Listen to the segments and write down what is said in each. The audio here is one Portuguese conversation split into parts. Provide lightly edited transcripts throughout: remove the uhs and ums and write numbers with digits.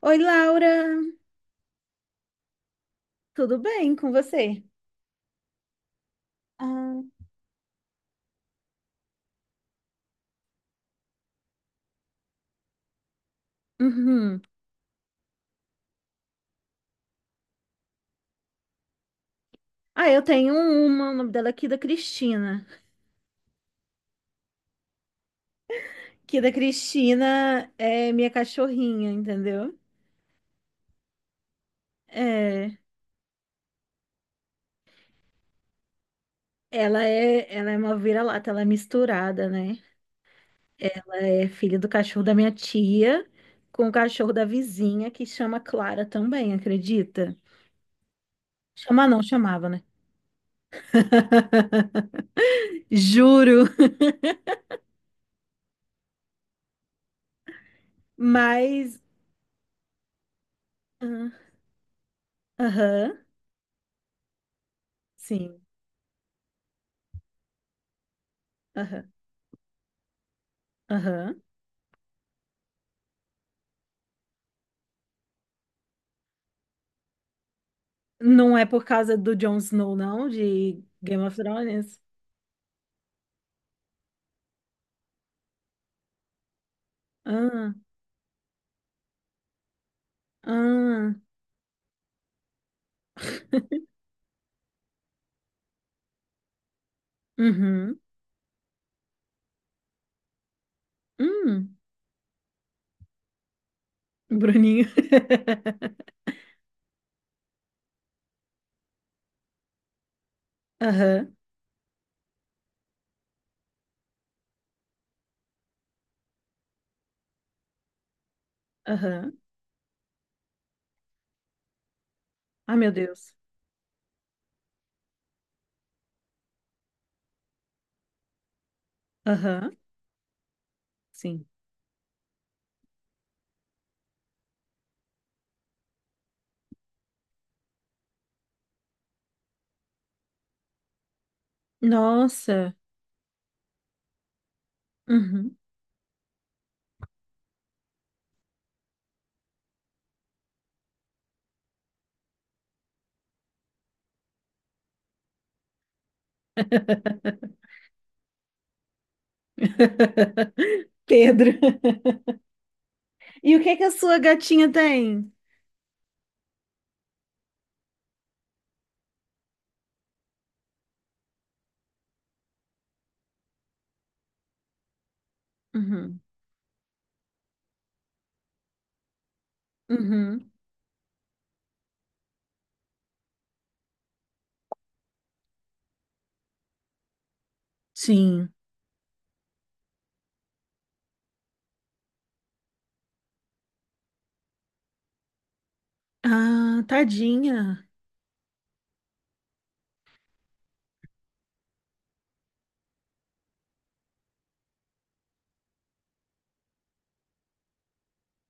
Oi, Laura, tudo bem com você? Ah, uhum. Ah, eu tenho uma, o nome dela é Kida Cristina. Kida Cristina é minha cachorrinha, entendeu? É, ela é uma vira-lata, ela é misturada, né? Ela é filha do cachorro da minha tia com o cachorro da vizinha que chama Clara também, acredita? Chama não, chamava, né? Juro. Mas, ah, aham, sim, aham, aham. Não é por causa do Jon Snow, não, de Game of Thrones? Ah, ah, uhum, hum, Bruninho. Aham, aham. Ah meu Deus. Aham, sim. Nossa. Uhum. Pedro. E o que que a sua gatinha tem? Uhum, uhum. Sim. Ah, tadinha.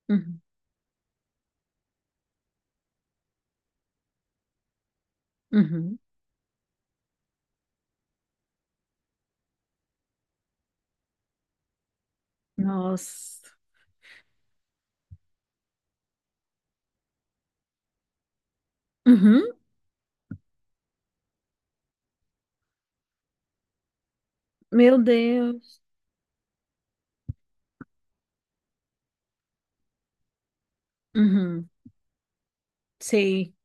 Uhum, uhum. Nossa. Uhum. Meu Deus. Uhum. Sei.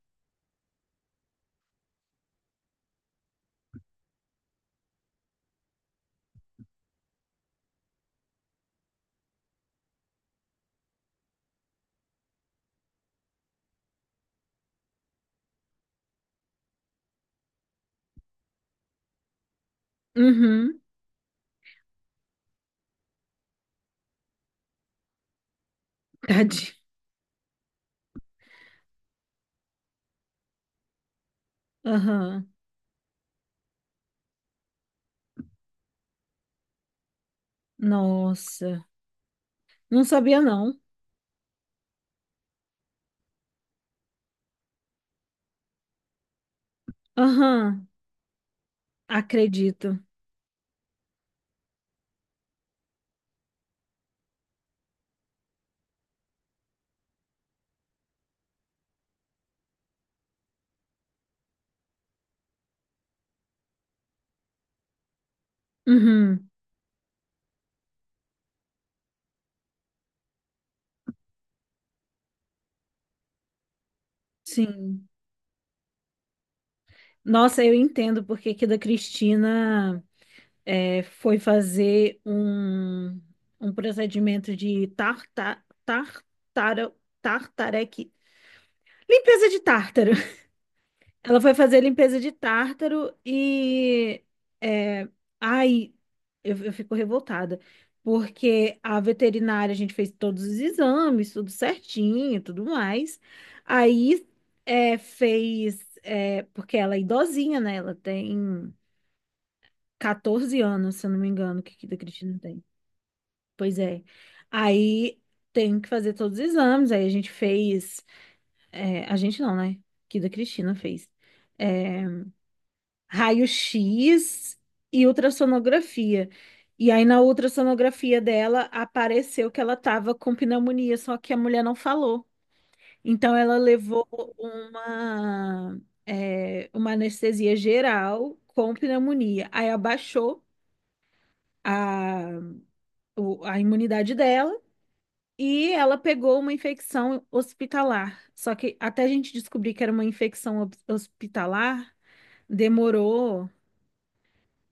Uhum. Tadinho. Aham. Nossa. Não sabia, não. Aham. Acredito. Uhum. Sim. Nossa, eu entendo porque que da Cristina foi fazer um, um procedimento de tartareque. Limpeza de tártaro. Ela foi fazer limpeza de tártaro e. É, ai, eu fico revoltada. Porque a veterinária, a gente fez todos os exames, tudo certinho, tudo mais. Aí é, fez. É, porque ela é idosinha, né? Ela tem 14 anos, se eu não me engano, que da Cristina tem. Pois é. Aí tem que fazer todos os exames. Aí a gente fez. É, a gente não, né? Que da Cristina fez. eh, raio-x e ultrassonografia. E aí na ultrassonografia dela apareceu que ela estava com pneumonia, só que a mulher não falou. Então ela levou uma, uma anestesia geral com pneumonia. Aí abaixou a, a imunidade dela e ela pegou uma infecção hospitalar. Só que até a gente descobrir que era uma infecção hospitalar, demorou.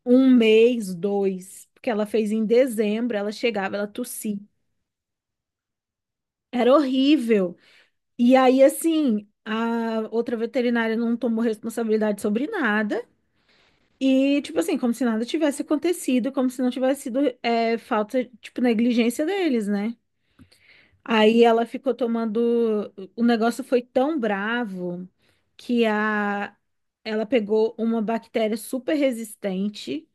Um mês, dois, porque ela fez em dezembro, ela chegava, ela tossia. Era horrível. E aí, assim, a outra veterinária não tomou responsabilidade sobre nada. E, tipo assim, como se nada tivesse acontecido, como se não tivesse sido falta, tipo, negligência deles, né? Aí ela ficou tomando. O negócio foi tão bravo que a... ela pegou uma bactéria super resistente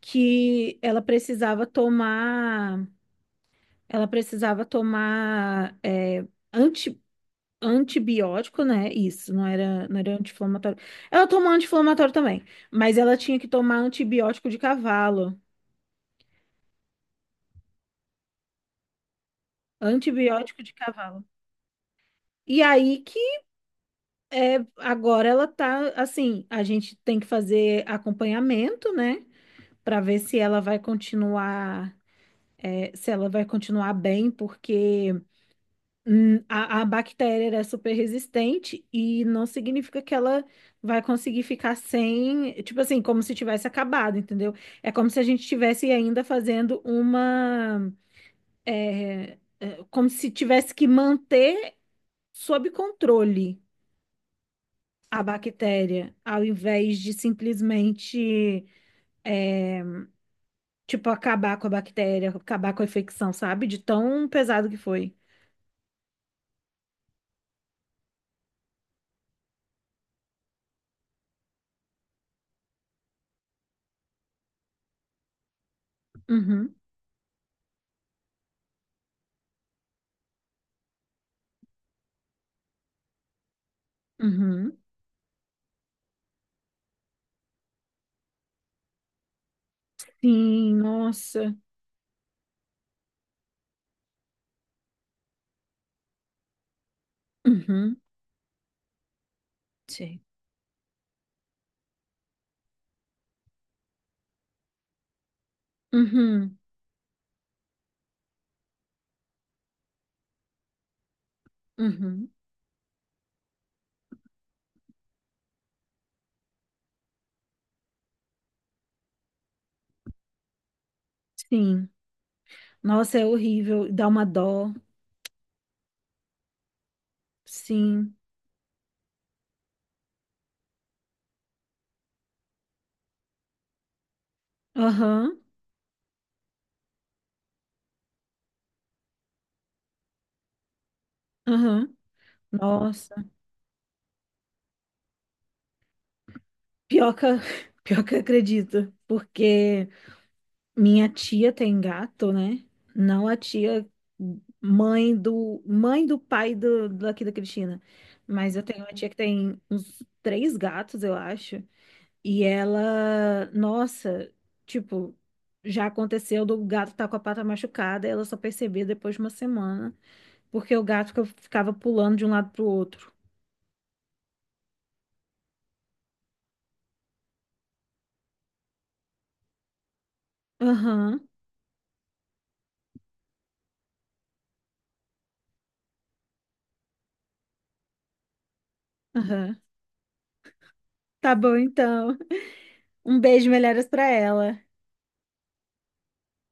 que ela precisava tomar. Ela precisava tomar anti, antibiótico, né? Isso, não era anti-inflamatório. Ela tomou anti-inflamatório também, mas ela tinha que tomar antibiótico de cavalo. Antibiótico de cavalo. E aí que agora ela tá assim, a gente tem que fazer acompanhamento, né? Pra ver se ela vai continuar, se ela vai continuar bem, porque hum, a bactéria ela é super resistente e não significa que ela vai conseguir ficar sem, tipo assim, como se tivesse acabado, entendeu? É como se a gente estivesse ainda fazendo uma, é, como se tivesse que manter sob controle a bactéria, ao invés de simplesmente, tipo, acabar com a bactéria, acabar com a infecção, sabe? De tão pesado que foi. Uhum, uhum. Sim, nossa. Uhum. Sim. Uhum, uhum, sim. Nossa, é horrível, dá uma dó, sim. Aham, aham, nossa. Pior que, pior que eu acredito, porque minha tia tem gato, né? Não a tia mãe do pai do, daqui da Cristina, mas eu tenho uma tia que tem uns três gatos, eu acho. E ela, nossa, tipo, já aconteceu do gato tá com a pata machucada, ela só percebia depois de uma semana, porque o gato ficava pulando de um lado pro outro. Aham, aham. Tá bom então. Um beijo, melhoras pra ela.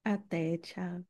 Até, tchau.